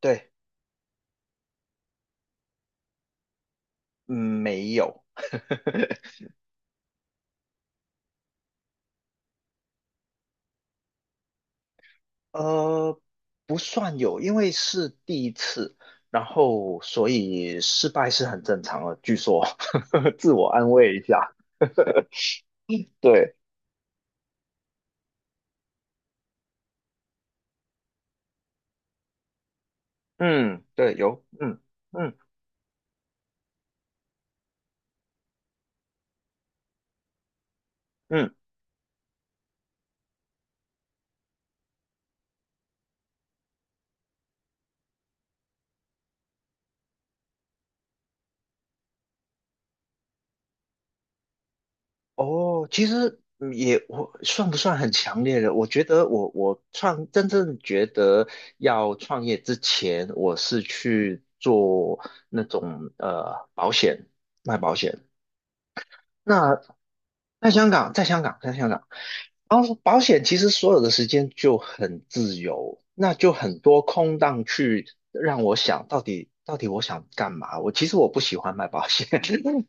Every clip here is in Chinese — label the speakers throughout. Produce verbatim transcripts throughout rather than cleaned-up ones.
Speaker 1: 对。嗯，没有。呃，不算有，因为是第一次，然后所以失败是很正常的，据说。自我安慰一下。对，嗯，对，有，嗯嗯嗯，哦，其实嗯也我算不算很强烈的？我觉得我我创真正觉得要创业之前，我是去做那种呃保险，卖保险。那在香港，在香港，在香港。然后保险其实所有的时间就很自由，那就很多空档去让我想到底到底我想干嘛。我其实我不喜欢买保险，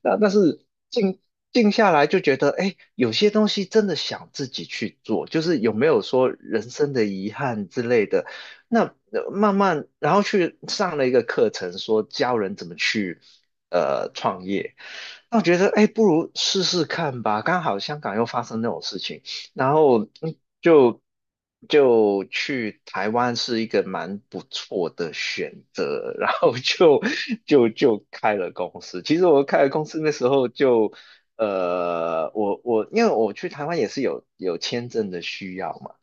Speaker 1: 但但是静静下来就觉得，哎，有些东西真的想自己去做，就是有没有说人生的遗憾之类的。那呃慢慢，然后去上了一个课程，说教人怎么去呃创业。那我觉得，哎，不如试试看吧。刚好香港又发生那种事情，然后嗯就就去台湾是一个蛮不错的选择，然后就就就开了公司。其实我开了公司那时候就，呃，我我因为我去台湾也是有有签证的需要嘛。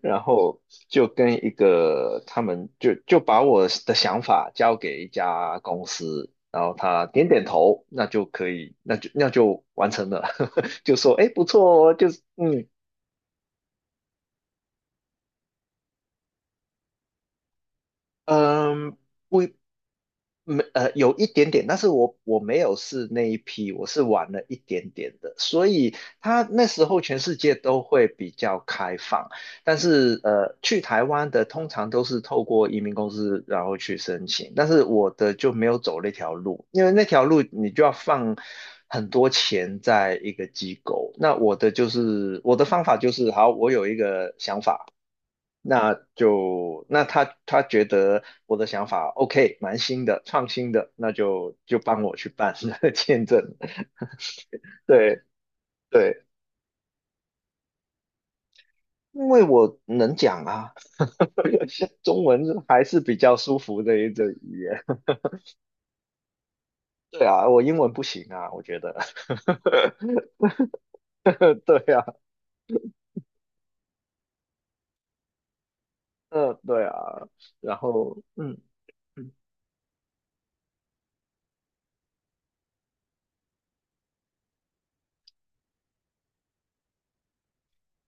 Speaker 1: 然后就跟一个他们就就把我的想法交给一家公司，然后他点点头，那就可以，那就那就完成了，就说哎不错哦，就是嗯嗯不没呃有一点点，但是我我没有是那一批，我是晚了一点点的，所以他那时候全世界都会比较开放，但是呃去台湾的通常都是透过移民公司然后去申请，但是我的就没有走那条路，因为那条路你就要放很多钱在一个机构，那我的就是我的方法就是好，我有一个想法。那就那他他觉得我的想法 OK，蛮新的，创新的，那就就帮我去办 签证。对对，因为我能讲啊，中文还是比较舒服的一种语言。对啊，我英文不行啊，我觉得。对啊，嗯，对啊，然后嗯。嗯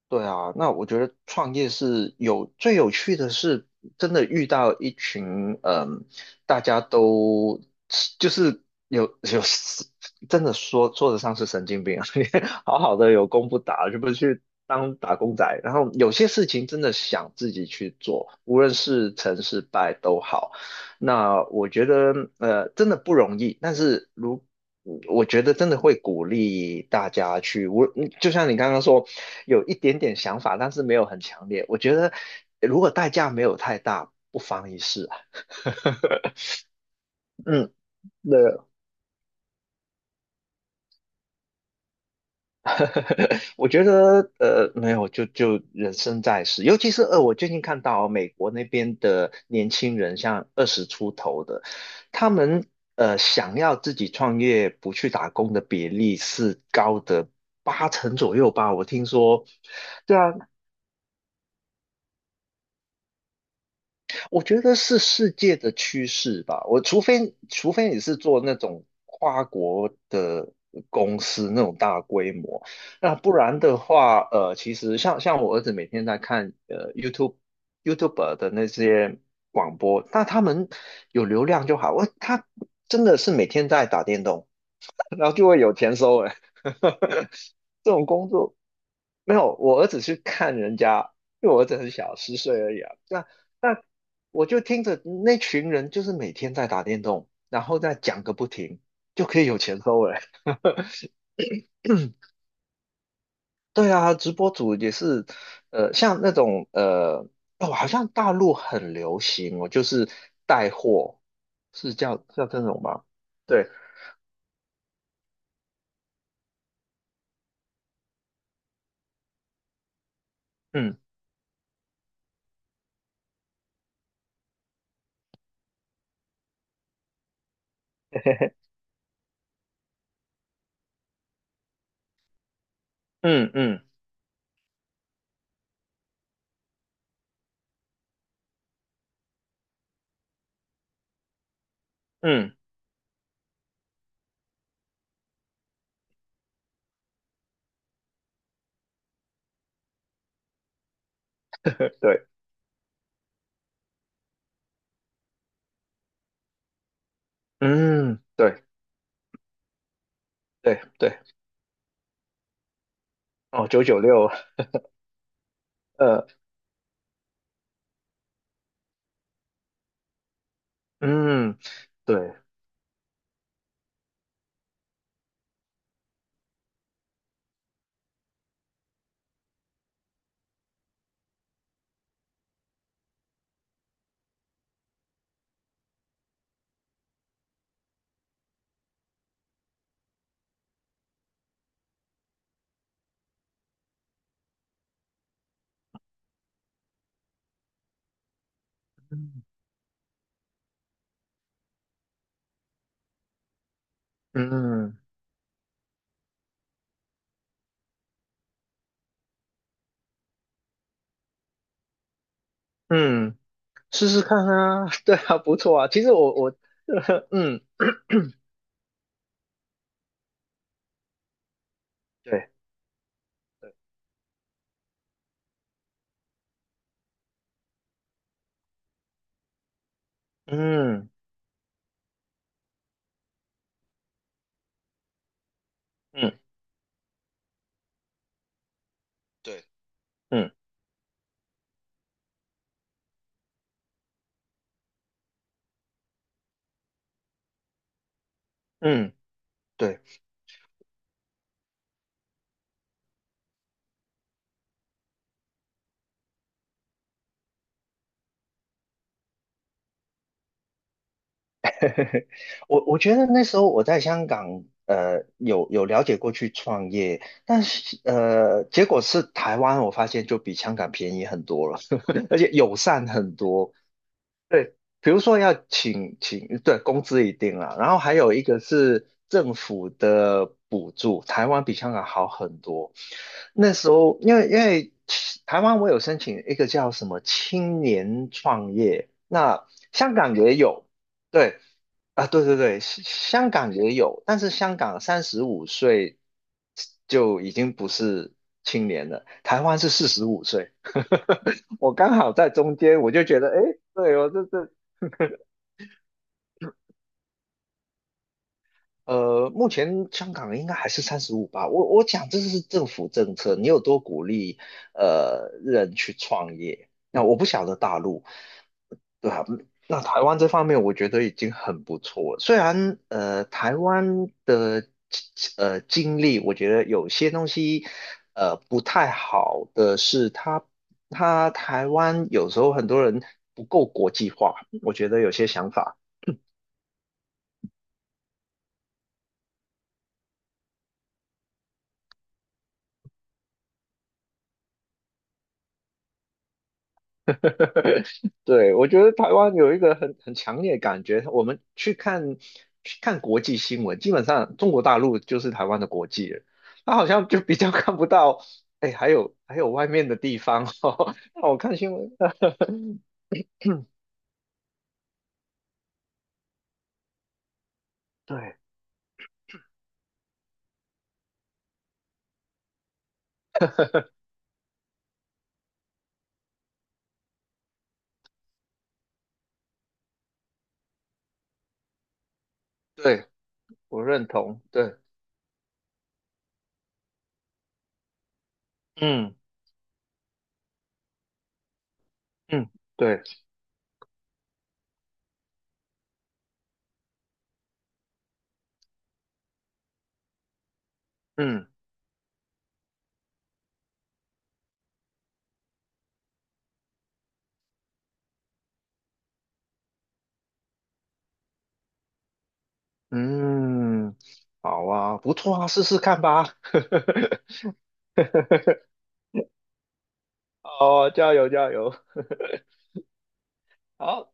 Speaker 1: 对啊，那我觉得创业是有最有趣的是，真的遇到一群嗯，大家都就是有有真的说说得上是神经病啊 你好好的有工不打，就不去当打工仔。然后有些事情真的想自己去做，无论是成是败都好。那我觉得呃真的不容易，但是如我觉得真的会鼓励大家去，我嗯就像你刚刚说，有一点点想法，但是没有很强烈。我觉得如果代价没有太大，不妨一试啊。嗯，对，我觉得呃没有，就就人生在世，尤其是呃我最近看到美国那边的年轻人，像二十出头的，他们呃想要自己创业不去打工的比例是高的八成左右吧，我听说。对啊，我觉得是世界的趋势吧。我除非除非你是做那种跨国的公司那种大规模，那不然的话，呃，其实像像我儿子每天在看呃 YouTube YouTube 的那些广播，那他们有流量就好。我他真的是每天在打电动，然后就会有钱收了。这种工作没有，我儿子去看人家，因为我儿子很小，十岁而已啊。那那我就听着那群人就是每天在打电动，然后再讲个不停，就可以有钱收了。对啊，直播主也是，呃，像那种呃，哦，好像大陆很流行哦，就是带货，是叫叫这种吗？对，嗯 嗯嗯嗯，对，嗯对。对对，哦，九九六，呃，嗯，对，嗯嗯嗯，试试看啊，对啊，不错啊。其实我我，嗯，对，嗯嗯对，嗯嗯，对，我我觉得那时候我在香港，呃，有有了解过去创业，但是呃，结果是台湾，我发现就比香港便宜很多了，而且友善很多。比如说要请请，对，工资一定啦，然后还有一个是政府的补助，台湾比香港好很多。那时候，因为因为台湾我有申请一个叫什么青年创业，那香港也有，对，啊，对对对，香香港也有，但是香港三十五岁就已经不是青年了，台湾是四十五岁。我刚好在中间，我就觉得，哎，对，我这这呃，目前香港应该还是三十五吧。我我讲这是政府政策，你有多鼓励呃人去创业？那我不晓得大陆，对啊，那台湾这方面我觉得已经很不错了。虽然呃台湾的呃经历，我觉得有些东西呃不太好的是它，它，台湾有时候很多人不够国际化，我觉得有些想法。对，我觉得台湾有一个很很强烈的感觉，我们去看去看国际新闻，基本上中国大陆就是台湾的国际了，他好像就比较 看不到，哎，还有还有外面的地方哦。那我看新闻，对对，我认同，对，嗯嗯，对，嗯嗯，好啊，不错啊，试试看吧，哦，加油加油，好。